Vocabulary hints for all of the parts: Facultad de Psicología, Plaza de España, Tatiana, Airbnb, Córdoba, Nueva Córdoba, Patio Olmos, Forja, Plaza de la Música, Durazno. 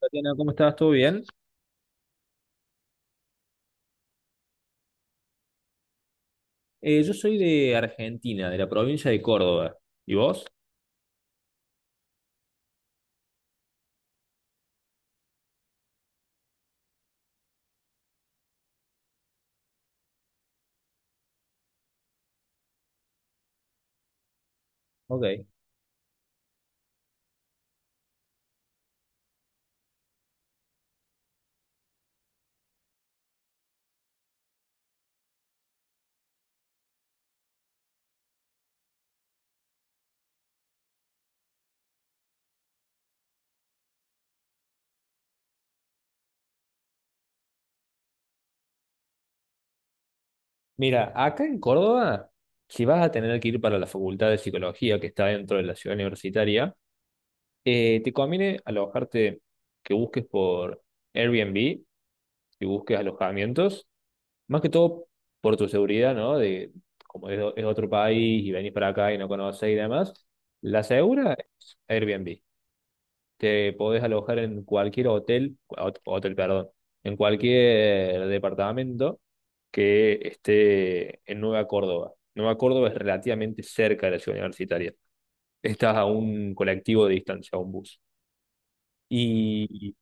Tatiana, ¿cómo estás? ¿Todo bien? Yo soy de Argentina, de la provincia de Córdoba. ¿Y vos? Ok. Mira, acá en Córdoba, si vas a tener que ir para la Facultad de Psicología que está dentro de la ciudad universitaria, te conviene alojarte, que busques por Airbnb, que busques alojamientos, más que todo por tu seguridad, ¿no? De como es otro país y venís para acá y no conoces y demás, la segura es Airbnb. Te podés alojar en cualquier hotel, hotel, perdón, en cualquier departamento que esté en Nueva Córdoba. Nueva Córdoba es relativamente cerca de la ciudad universitaria. Estás a un colectivo de distancia, a un bus. Y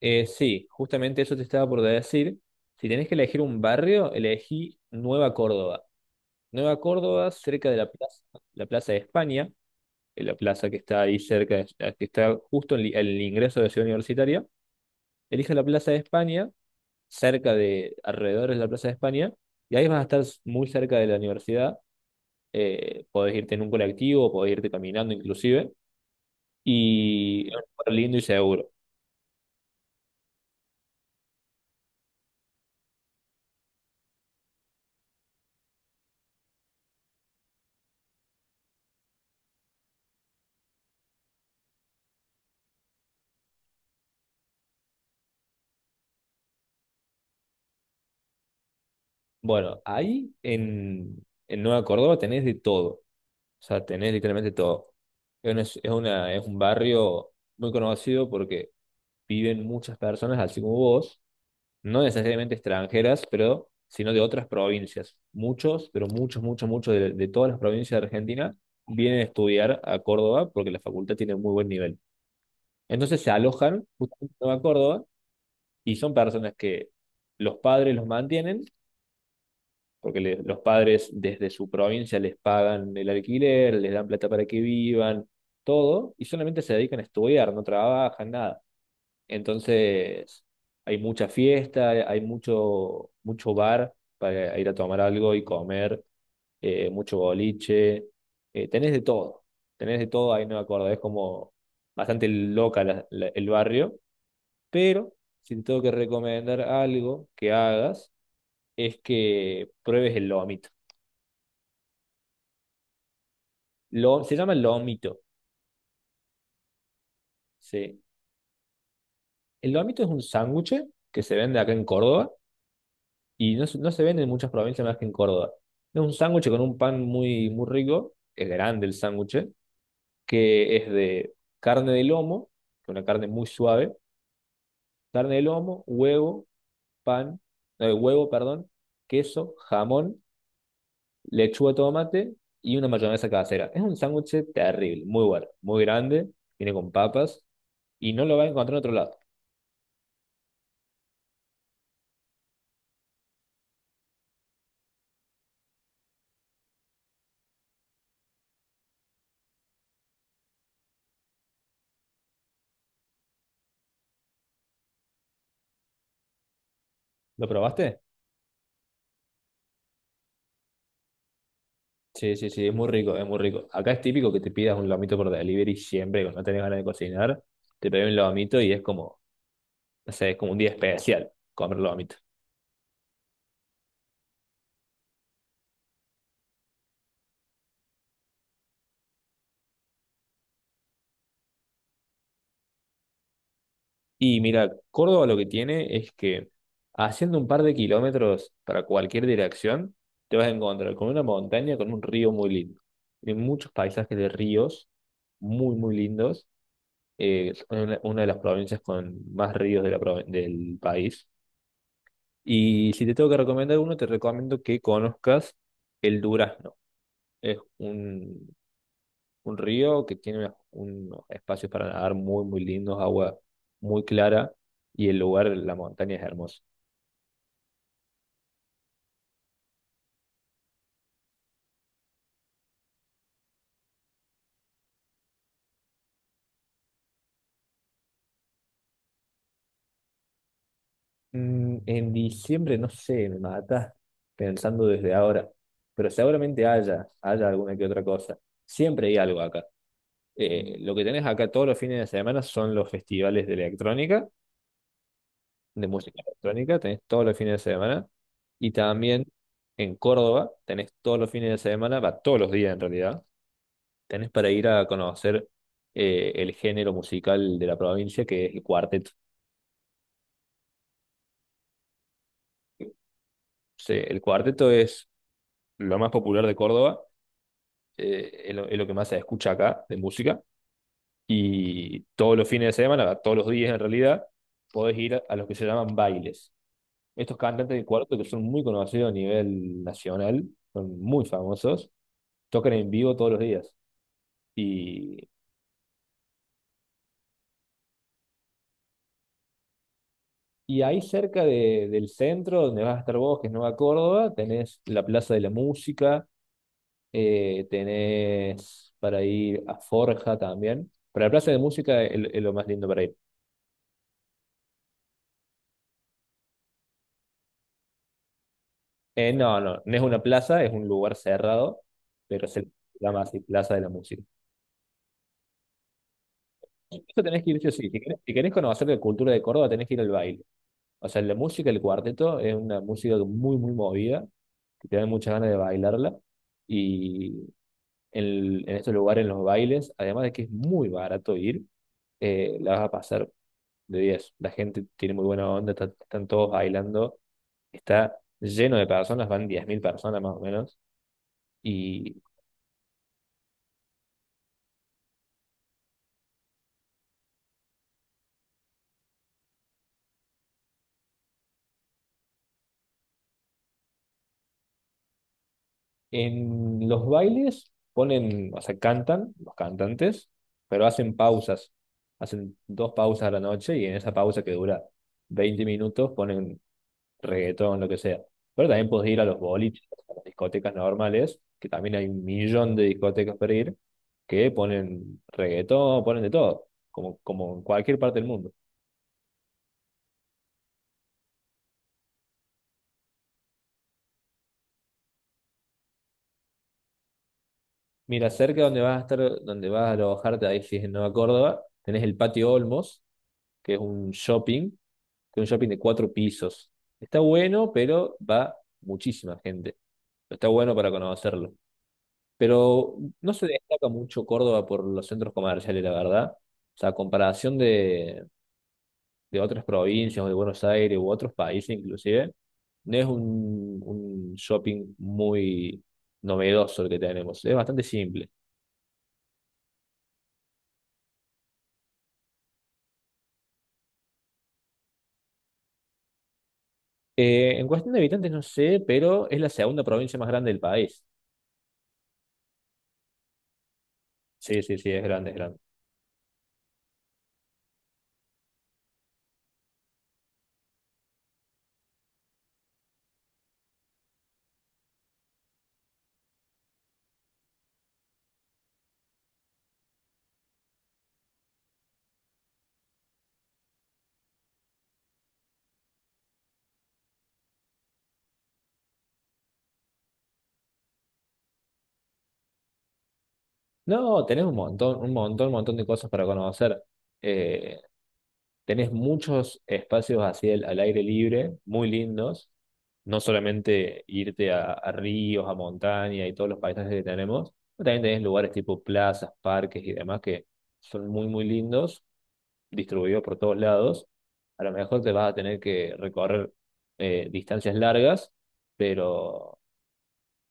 sí, justamente eso te estaba por decir. Si tenés que elegir un barrio, elegí Nueva Córdoba. Nueva Córdoba, cerca de la Plaza de España, en la plaza que está ahí cerca, que está justo en el ingreso de la ciudad universitaria. Elige la Plaza de España, cerca de, alrededor de la Plaza de España, y ahí vas a estar muy cerca de la universidad. Podés irte en un colectivo, podés irte caminando inclusive, y es un lugar lindo y seguro. Bueno, ahí en Nueva Córdoba tenés de todo, o sea, tenés literalmente todo. Es un barrio muy conocido porque viven muchas personas así como vos, no necesariamente extranjeras, pero sino de otras provincias. Muchos, pero muchos, muchos, muchos de todas las provincias de Argentina vienen a estudiar a Córdoba porque la facultad tiene muy buen nivel. Entonces se alojan justamente en Nueva Córdoba y son personas que los padres los mantienen, porque los padres desde su provincia les pagan el alquiler, les dan plata para que vivan, todo, y solamente se dedican a estudiar, no trabajan, nada. Entonces, hay mucha fiesta, hay mucho, mucho bar para ir a tomar algo y comer, mucho boliche. Tenés de todo, tenés de todo, ahí no me acuerdo, es como bastante loca el barrio, pero si te tengo que recomendar algo que hagas, es que pruebes el lomito. Lo, se llama lomito, sí. El lomito es un sándwich que se vende acá en Córdoba y no, no se vende en muchas provincias más que en Córdoba. Es un sándwich con un pan muy, muy rico, es grande el sándwich, que es de carne de lomo, que es una carne muy suave, carne de lomo, huevo, pan, huevo, perdón, queso, jamón, lechuga, tomate y una mayonesa casera. Es un sándwich terrible, muy bueno, muy grande, viene con papas y no lo vas a encontrar en otro lado. ¿Lo probaste? Sí, sí, sí, es muy rico, es muy rico. Acá es típico que te pidas un lomito por delivery siempre, cuando no tenés ganas de cocinar, te pedís un lomito y es como, no sé, es como un día especial comer lomito. Y mira, Córdoba lo que tiene es que haciendo un par de kilómetros para cualquier dirección, te vas a encontrar con una montaña, con un río muy lindo. Hay muchos paisajes de ríos muy, muy lindos. Una de las provincias con más ríos de la, del país. Y si te tengo que recomendar uno, te recomiendo que conozcas el Durazno. Es un río que tiene unos espacios para nadar muy, muy lindos, agua muy clara y el lugar, la montaña es hermosa. En diciembre, no sé, me mata pensando desde ahora, pero seguramente haya alguna que otra cosa. Siempre hay algo acá. Lo que tenés acá todos los fines de semana son los festivales de electrónica de música electrónica, tenés todos los fines de semana. Y también en Córdoba, tenés todos los fines de semana, va todos los días en realidad, tenés para ir a conocer el género musical de la provincia, que es el cuarteto. Sí, el cuarteto es lo más popular de Córdoba, es lo que más se escucha acá de música. Y todos los fines de semana, va todos los días en realidad, podés ir a los que se llaman bailes. Estos cantantes de cuarteto que son muy conocidos a nivel nacional, son muy famosos, tocan en vivo todos los días. Y, y ahí cerca del centro, donde vas a estar vos, que es Nueva Córdoba, tenés la Plaza de la Música, tenés para ir a Forja también. Pero la Plaza de Música es lo más lindo para ir. No, no, no es una plaza, es un lugar cerrado, pero se llama así Plaza de la Música. Eso tenés que ir, sí o sí. Si querés, si querés conocer la cultura de Córdoba, tenés que ir al baile. O sea, la música, el cuarteto, es una música muy, muy movida que te dan muchas ganas de bailarla. Y en estos lugares, en los bailes, además de que es muy barato ir, la vas a pasar de diez. La gente tiene muy buena onda, están todos bailando, está lleno de personas, van 10.000 personas más o menos. Y en los bailes ponen, o sea, cantan los cantantes, pero hacen pausas. Hacen 2 pausas a la noche y en esa pausa que dura 20 minutos ponen reggaetón, lo que sea. Pero también puedes ir a los boliches, a las discotecas normales, que también hay un millón de discotecas para ir, que ponen reggaetón, ponen de todo, como, como en cualquier parte del mundo. Mira, cerca donde vas a estar, donde vas a alojarte, ahí si es en Nueva Córdoba, tenés el Patio Olmos, que es un shopping, que es un shopping de 4 pisos. Está bueno, pero va muchísima gente. Está bueno para conocerlo. Pero no se destaca mucho Córdoba por los centros comerciales, la verdad. O sea, a comparación de otras provincias o de Buenos Aires u otros países inclusive, no es un shopping muy novedoso el que tenemos. Es bastante simple. En cuestión de habitantes no sé, pero es la segunda provincia más grande del país. Sí, sí, sí, es grande, es grande. No, tenés un montón, un montón, un montón de cosas para conocer. Eh, Tenés muchos espacios así al aire libre, muy lindos. No solamente irte a ríos, a montaña y todos los paisajes que tenemos, pero también tenés lugares tipo plazas, parques y demás que son muy, muy lindos, distribuidos por todos lados. A lo mejor te vas a tener que recorrer distancias largas, pero,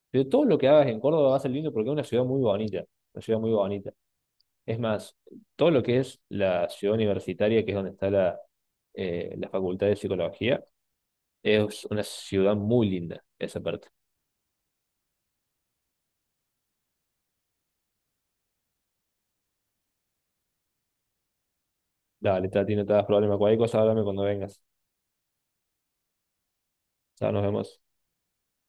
pero todo lo que hagas en Córdoba va a ser lindo porque es una ciudad muy bonita, una ciudad muy bonita. Es más, todo lo que es la ciudad universitaria, que es donde está la, la Facultad de Psicología, es una ciudad muy linda, esa parte. Dale, Tati, no te das problema. Cualquier cosa, háblame cuando vengas. Chao, nos vemos.